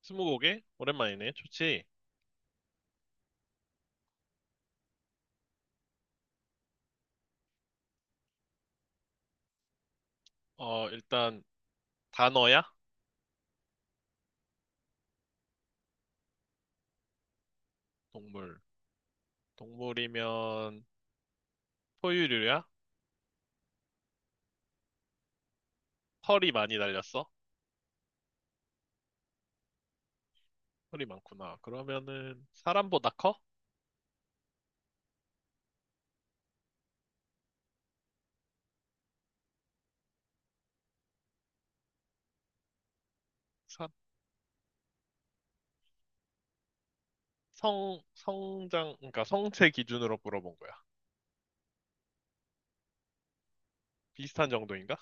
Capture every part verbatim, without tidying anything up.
스무고개? 오랜만이네. 좋지. 어, 일단 단어야? 동물. 동물이면 포유류야? 털이 많이 달렸어? 털이 많구나. 그러면은 사람보다 커? 사- 성, 성장, 그러니까 성체 기준으로 물어본 거야. 비슷한 정도인가?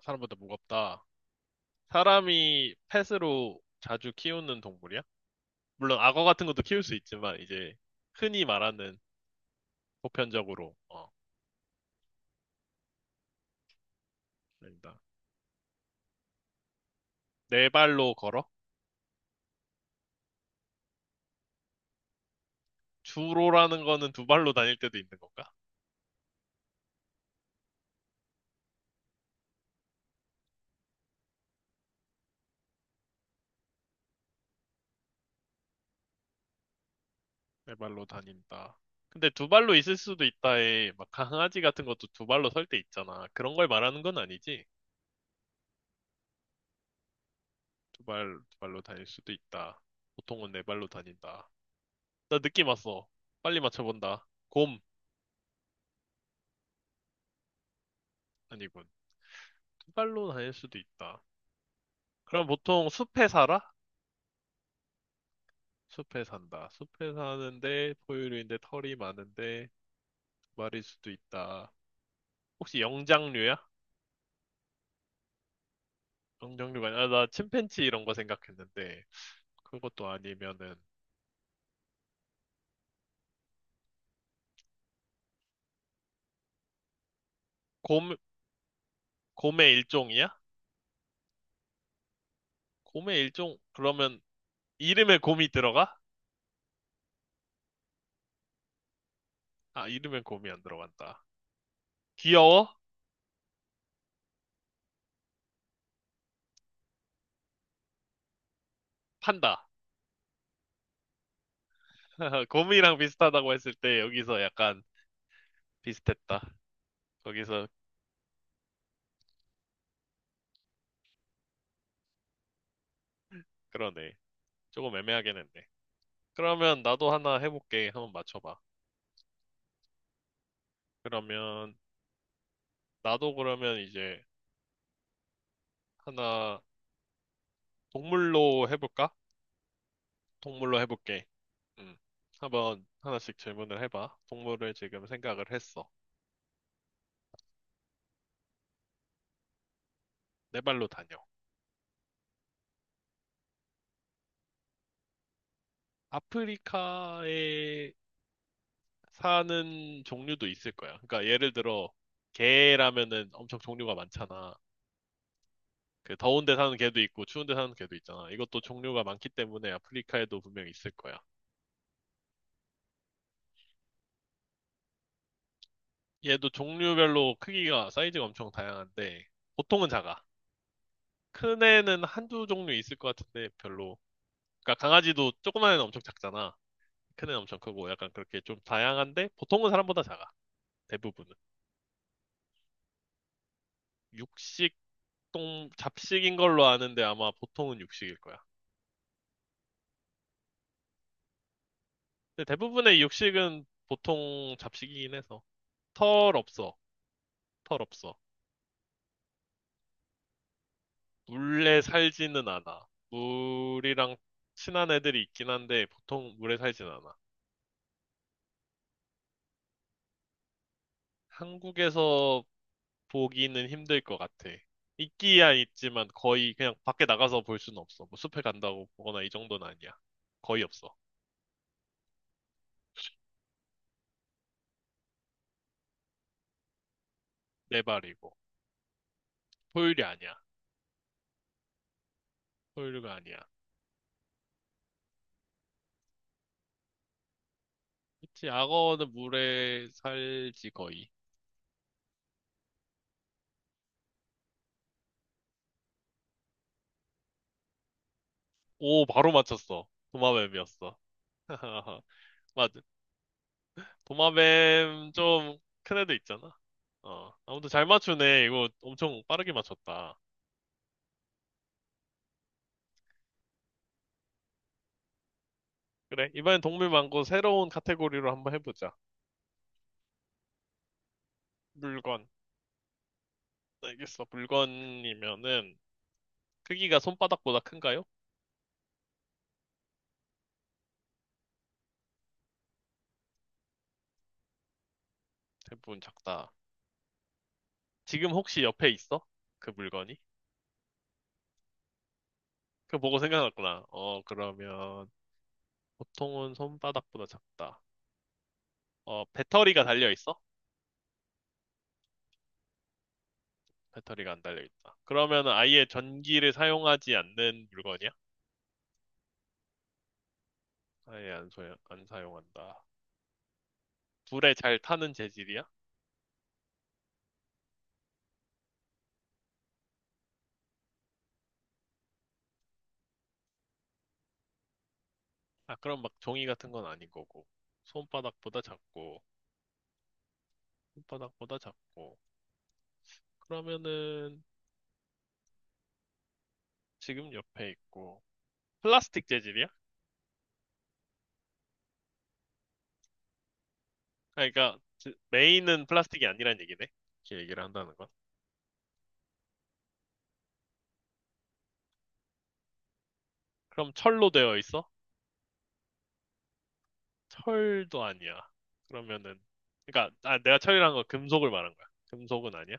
사람보다 무겁다. 사람이 펫으로 자주 키우는 동물이야? 물론 악어 같은 것도 키울 수 있지만 이제 흔히 말하는 보편적으로 어, 된다. 네 발로 걸어? 주로라는 거는 두 발로 다닐 때도 있는 건가? 네 발로 다닌다. 근데 두 발로 있을 수도 있다에 막 강아지 같은 것도 두 발로 설 때 있잖아. 그런 걸 말하는 건 아니지. 두 발, 두 발로 다닐 수도 있다. 보통은 네 발로 다닌다. 나 느낌 왔어. 빨리 맞춰본다. 곰. 아니군. 두 발로 다닐 수도 있다. 그럼 보통 숲에 살아? 숲에 산다. 숲에 사는데 포유류인데 털이 많은데 두 발일 수도 있다. 혹시 영장류야? 영장류가 아니라 나 침팬지 이런 거 생각했는데 그것도 아니면은 곰. 곰의 일종이야? 곰의 일종. 그러면 이름에 곰이 들어가? 아, 이름에 곰이 안 들어간다. 귀여워? 판다. 곰이랑 비슷하다고 했을 때 여기서 약간 비슷했다. 거기서 그러네. 조금 애매하긴 했네. 그러면 나도 하나 해볼게. 한번 맞춰봐. 그러면 나도 그러면 이제 하나 동물로 해볼까? 동물로 해볼게. 음. 한번 하나씩 질문을 해봐. 동물을 지금 생각을 했어. 내 발로 다녀. 아프리카에 사는 종류도 있을 거야. 그러니까 예를 들어 개라면은 엄청 종류가 많잖아. 그 더운 데 사는 개도 있고 추운 데 사는 개도 있잖아. 이것도 종류가 많기 때문에 아프리카에도 분명히 있을 거야. 얘도 종류별로 크기가 사이즈가 엄청 다양한데 보통은 작아. 큰 애는 한두 종류 있을 것 같은데 별로. 그러니까 강아지도 조그만 애는 엄청 작잖아. 큰 애는 엄청 크고 약간 그렇게 좀 다양한데 보통은 사람보다 작아. 대부분은. 육식 동 잡식인 걸로 아는데 아마 보통은 육식일 거야. 근데 대부분의 육식은 보통 잡식이긴 해서 털 없어. 털 없어. 물에 살지는 않아. 물이랑 친한 애들이 있긴 한데 보통 물에 살진 않아. 한국에서 보기는 힘들 것 같아. 있기야 있지만 거의 그냥 밖에 나가서 볼 수는 없어. 뭐 숲에 간다고 보거나 이 정도는 아니야. 거의 없어. 네 발이고. 포유류 아니야. 포유류가 아니야. 그치, 악어는 물에 살지, 거의. 오, 바로 맞췄어. 도마뱀이었어. 맞아. 도마뱀 좀 큰 애도 있잖아. 어, 아무튼 잘 맞추네. 이거 엄청 빠르게 맞췄다. 그래, 이번엔 동물 말고 새로운 카테고리로 한번 해보자. 물건. 알겠어. 물건이면은 크기가 손바닥보다 큰가요? 대부분 작다. 지금 혹시 옆에 있어? 그 물건이? 그거 보고 생각났구나. 어, 그러면 보통은 손바닥보다 작다. 어, 배터리가 달려 있어? 배터리가 안 달려 있다. 그러면 아예 전기를 사용하지 않는 물건이야? 아예 안 소용, 안 사용한다. 불에 잘 타는 재질이야? 아, 그럼 막 종이 같은 건 아닌 거고. 손바닥보다 작고, 손바닥보다 작고. 그러면은 지금 옆에 있고. 플라스틱 재질이야? 아, 그러니까 지- 메인은 플라스틱이 아니란 얘기네. 이렇게 얘기를 한다는 건. 그럼 철로 되어 있어? 철도 아니야. 그러면은, 그러니까 아, 내가 철이란 건 금속을 말한 거야. 금속은 아니야?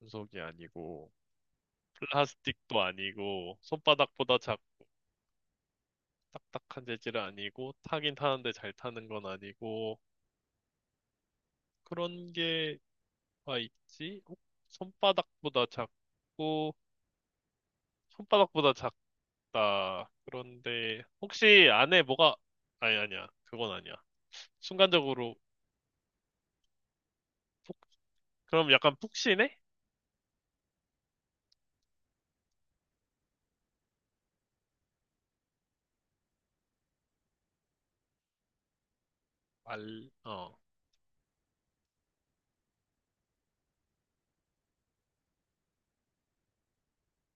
금속이 아니고 플라스틱도 아니고 손바닥보다 작, 딱딱한 재질은 아니고 타긴 타는데 잘 타는 건 아니고 그런 게가 있지? 어? 손바닥보다 작고 손바닥보다 작다. 그런데 혹시 안에 뭐가 아니 아니야. 그건 아니야. 순간적으로 푹- 그럼 약간 푹신해? 말, 어.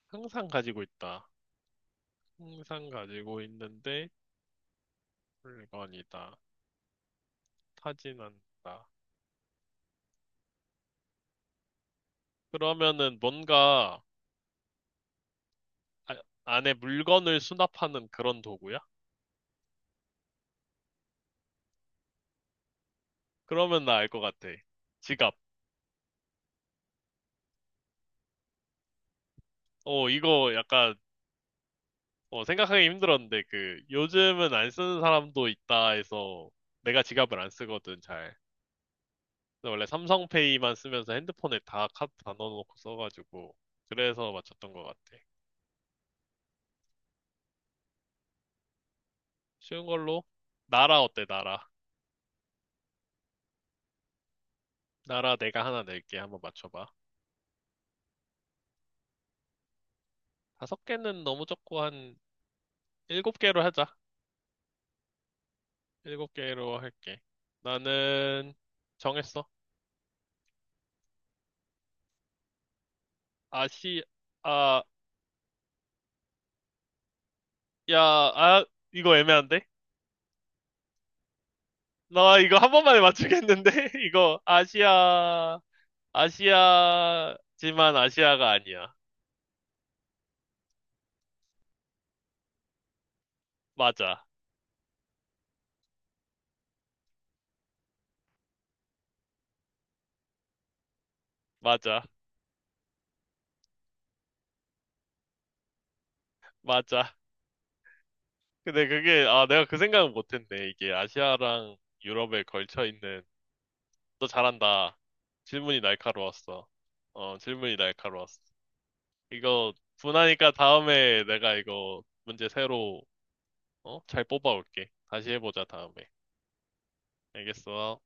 항상 가지고 있다. 항상 가지고 있는데 물건이다. 타진 않는다. 그러면은 뭔가 아- 안에 물건을 수납하는 그런 도구야? 그러면 나 알 것 같아. 지갑. 어, 이거 약간 어, 생각하기 힘들었는데 그 요즘은 안 쓰는 사람도 있다 해서 내가 지갑을 안 쓰거든 잘. 그래서 원래 삼성페이만 쓰면서 핸드폰에 다 카드 다 넣어놓고 써가지고 그래서 맞췄던 것 같아. 쉬운 걸로 나라 어때 나라? 나라 내가 하나 낼게 한번 맞춰봐. 다섯 개는 너무 적고 한 일곱 개로 하자. 일곱 개로 할게. 나는 정했어. 아시, 아, 야, 아, 이거 애매한데? 나 이거 한 번만에 맞추겠는데? 이거 아시아, 아시아지만 아시아가 아니야. 맞아, 맞아, 맞아. 근데 그게, 아, 내가 그 생각은 못했네. 이게 아시아랑 유럽에 걸쳐 있는, 너 잘한다. 질문이 날카로웠어. 어, 질문이 날카로웠어. 이거 분하니까 다음에 내가 이거 문제 새로 어? 잘 뽑아올게. 다시 해보자, 다음에. 알겠어.